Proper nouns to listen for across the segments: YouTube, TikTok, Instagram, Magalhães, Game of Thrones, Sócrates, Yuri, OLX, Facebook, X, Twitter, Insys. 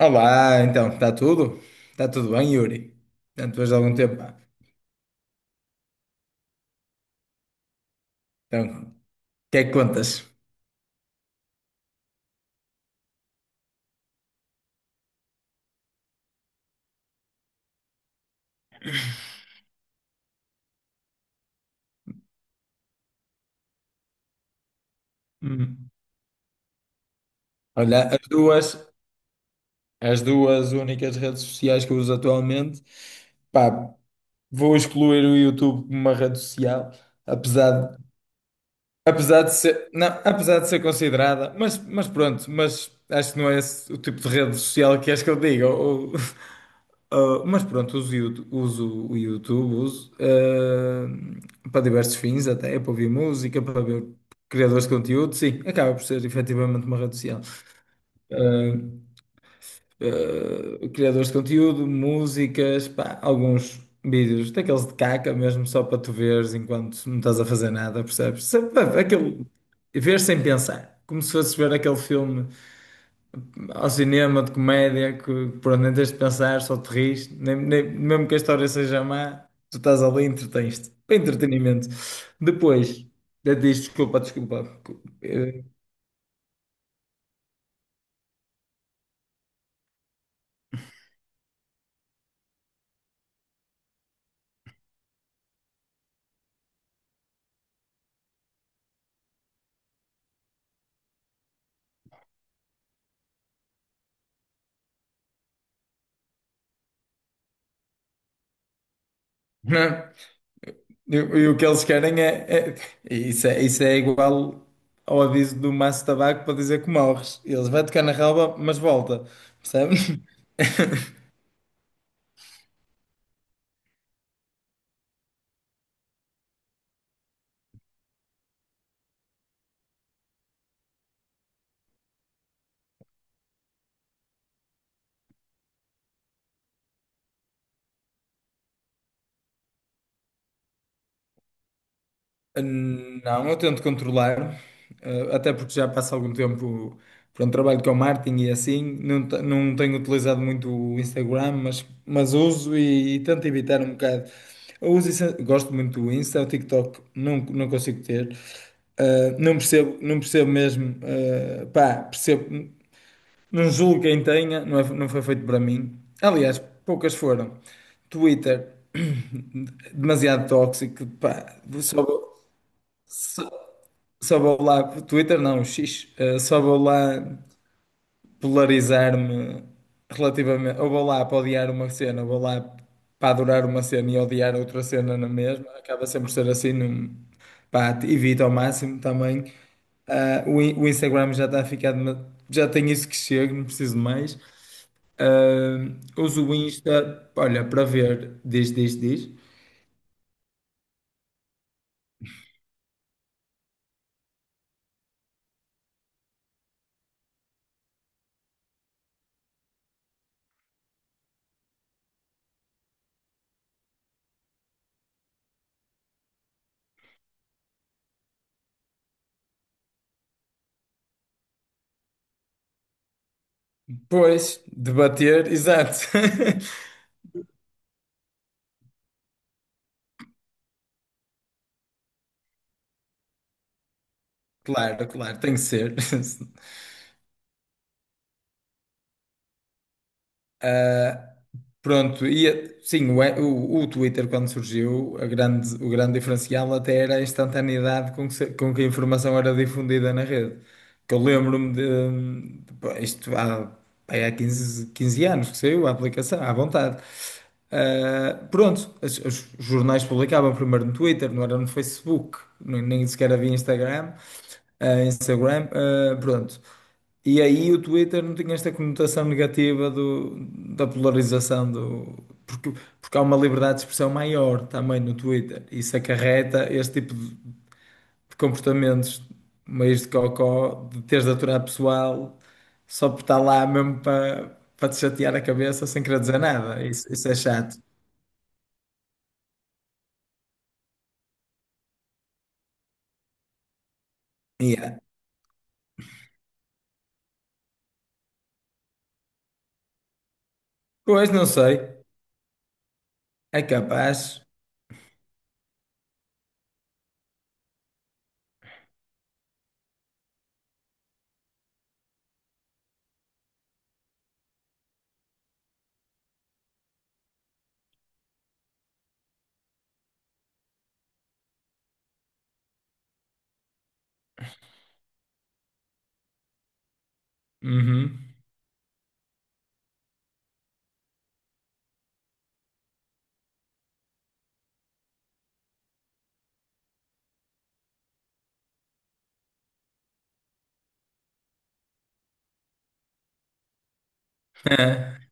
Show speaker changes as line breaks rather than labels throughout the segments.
Olá, então, está tudo? Está tudo bem, Yuri? Já depois de algum tempo, pá. Então, o que é que contas? Hum. Olha, as duas únicas redes sociais que eu uso atualmente, pá, vou excluir o YouTube como uma rede social, apesar Apesar de ser, não, apesar de ser considerada, mas pronto, mas acho que não é esse o tipo de rede social que acho que eu digo. Mas pronto, uso o YouTube, uso, para diversos fins, até para ouvir música, para ver criadores de conteúdo, sim, acaba por ser efetivamente uma rede social, criadores de conteúdo, músicas, pá, alguns vídeos daqueles de caca mesmo, só para tu veres enquanto não estás a fazer nada, percebes? Ver sem pensar. Como se fosse ver aquele filme ao cinema de comédia que por nem tens de pensar, só te rires, mesmo que a história seja má, tu estás ali e entretens-te. Para entretenimento. Depois, eu disse, desculpa, desculpa. Eh, e o que eles querem é. Isso é igual ao aviso do maço de tabaco para dizer que morres. Eles vai tocar na relva, mas volta. Percebe? Não, eu tento controlar, até porque já passa algum tempo, pronto, trabalho com marketing e assim, não, não tenho utilizado muito o Instagram, mas uso e, tento evitar um bocado. Eu uso, gosto muito do Insta. O TikTok não, não consigo ter. Não percebo, não percebo mesmo, pá, percebo. Não julgo quem tenha, não, não foi feito para mim. Aliás, poucas foram. Twitter, demasiado tóxico, pá, só, só vou lá, Twitter não, X, só vou lá polarizar-me relativamente, ou vou lá para odiar uma cena, ou vou lá para adorar uma cena e odiar outra cena na mesma, acaba sempre por ser assim, não, pá, evito ao máximo também. Ah, o Instagram já está a ficar, já tem isso que chega, não preciso de mais. Ah, uso o Insta, olha, para ver, diz, diz, diz. Pois, debater, exato. Claro, claro, tem que ser. Pronto, e sim, o Twitter quando surgiu, a grande, o grande diferencial até era a instantaneidade com que, se- com que a informação era difundida na rede. Que eu lembro-me pá, isto há, pá, há 15 15 anos que saiu a aplicação, à vontade. Ah, pronto, os jornais publicavam primeiro no Twitter, não era no Facebook, nem sequer havia Instagram, pronto. E aí o Twitter não tinha esta conotação negativa da polarização, porque, porque há uma liberdade de expressão maior também no Twitter. Isso acarreta este tipo de comportamentos meios de cocó, de teres de aturar pessoal só por estar lá mesmo para te chatear a cabeça sem querer dizer nada. Isso é chato. Yeah. Pois não sei. É capaz. Uhum.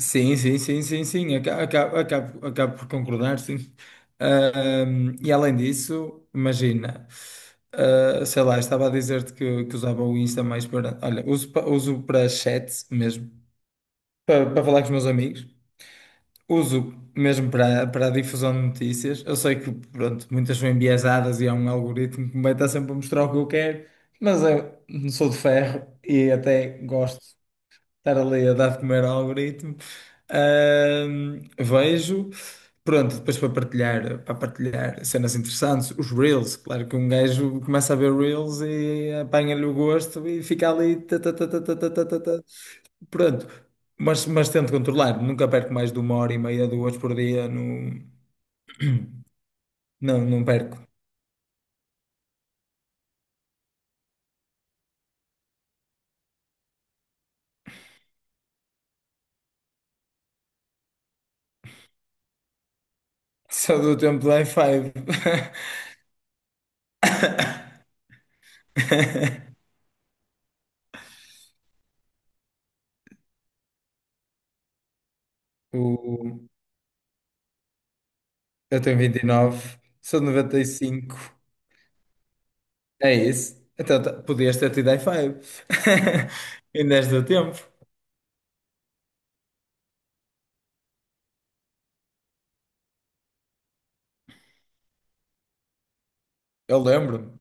Sim, sim, sim, sim, sim, acabo por concordar, sim. E além disso, imagina, sei lá, estava a dizer-te que usava o Insta mais para. Olha, uso para chat mesmo, para falar com os meus amigos, uso mesmo para a difusão de notícias. Eu sei que, pronto, muitas são enviesadas e há um algoritmo que me vai estar sempre a mostrar o que eu quero, mas eu não sou de ferro e até gosto estar ali a dar de comer ao algoritmo. Vejo, pronto, depois para partilhar cenas interessantes, os Reels, claro que um gajo começa a ver Reels e apanha-lhe o gosto e fica ali. Tá, tá, tá, tá, tá, tá, tá, tá, tá. Pronto, mas tento controlar, nunca perco mais de uma hora e meia, duas por dia, não, não, não perco. Só do tempo do i5. O, eu tenho 29, sou de 95. É isso. Então, podias ter tido i5. Ainda és do tempo. Eu lembro-me.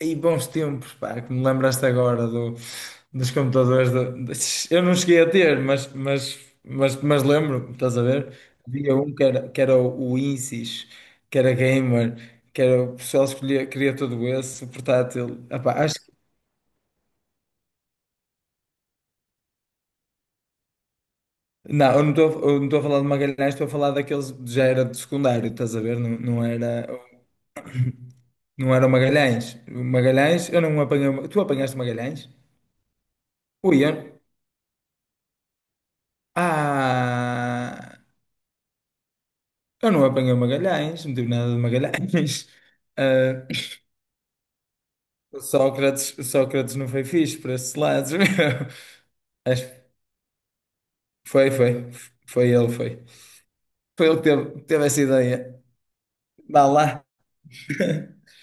E bons tempos, pá, que me lembraste agora dos computadores. Eu não cheguei a ter, mas lembro-me, estás a ver? Havia um que era o Insys, que era gamer, que era o pessoal escolhia, queria tudo esse, o portátil. Ah, pá, acho que. Não, eu não estou a falar de Magalhães, estou a falar daqueles que já era de secundário, estás a ver? Não, não era. Não era o Magalhães. O Magalhães, eu não apanhei. O Tu apanhaste o Magalhães? Ui, Ah, eu não apanhei o Magalhães, não tive nada de Magalhães. Ah, o Sócrates não foi fixe para esses lados, meu. Acho que foi, foi. Foi ele, foi. Foi ele que teve essa ideia. Vá lá.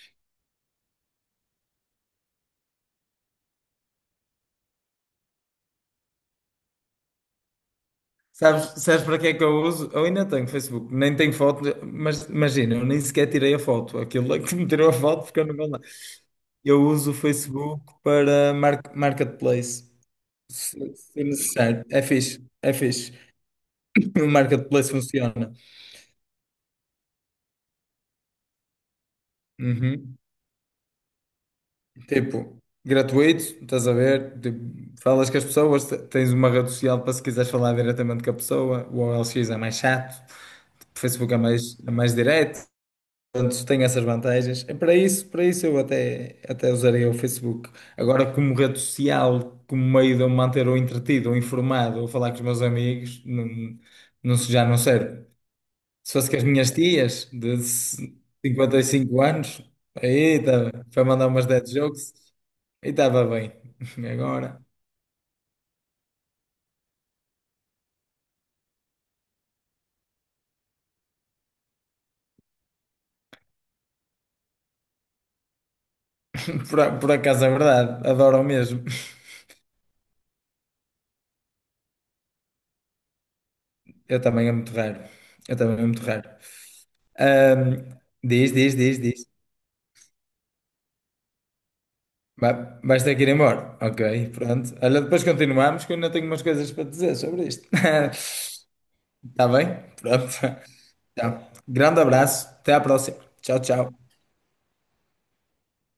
Sabes para que é que eu uso? Eu ainda tenho Facebook, nem tenho foto, mas imagina, eu nem sequer tirei a foto. Aquilo é que me tirou a foto porque eu não vou lá. Eu uso o Facebook para marketplace, se necessário. É fixe, é fixe. O marketplace funciona. Uhum. Tipo, gratuito, estás a ver? Tipo, falas com as pessoas, tens uma rede social para se quiseres falar diretamente com a pessoa. O OLX é mais chato, o Facebook é mais direto. Portanto, tem essas vantagens. E para isso, eu até usaria o Facebook. Agora, como rede social, como meio de eu me manter ou entretido, ou informado, ou falar com os meus amigos, não, não, já não serve. Se fosse com as minhas tias de 55 anos, aí tá, foi mandar umas dead jokes e estava bem. Agora, por acaso é verdade, adoro mesmo. Eu também é muito raro. Eu também é muito raro. Ahm, Diz, diz, diz, diz. Vais ter que ir embora. Ok, pronto. Olha, depois continuamos, que eu ainda tenho umas coisas para te dizer sobre isto. Está bem? Pronto. Tá. Grande abraço. Até à próxima. Tchau, tchau.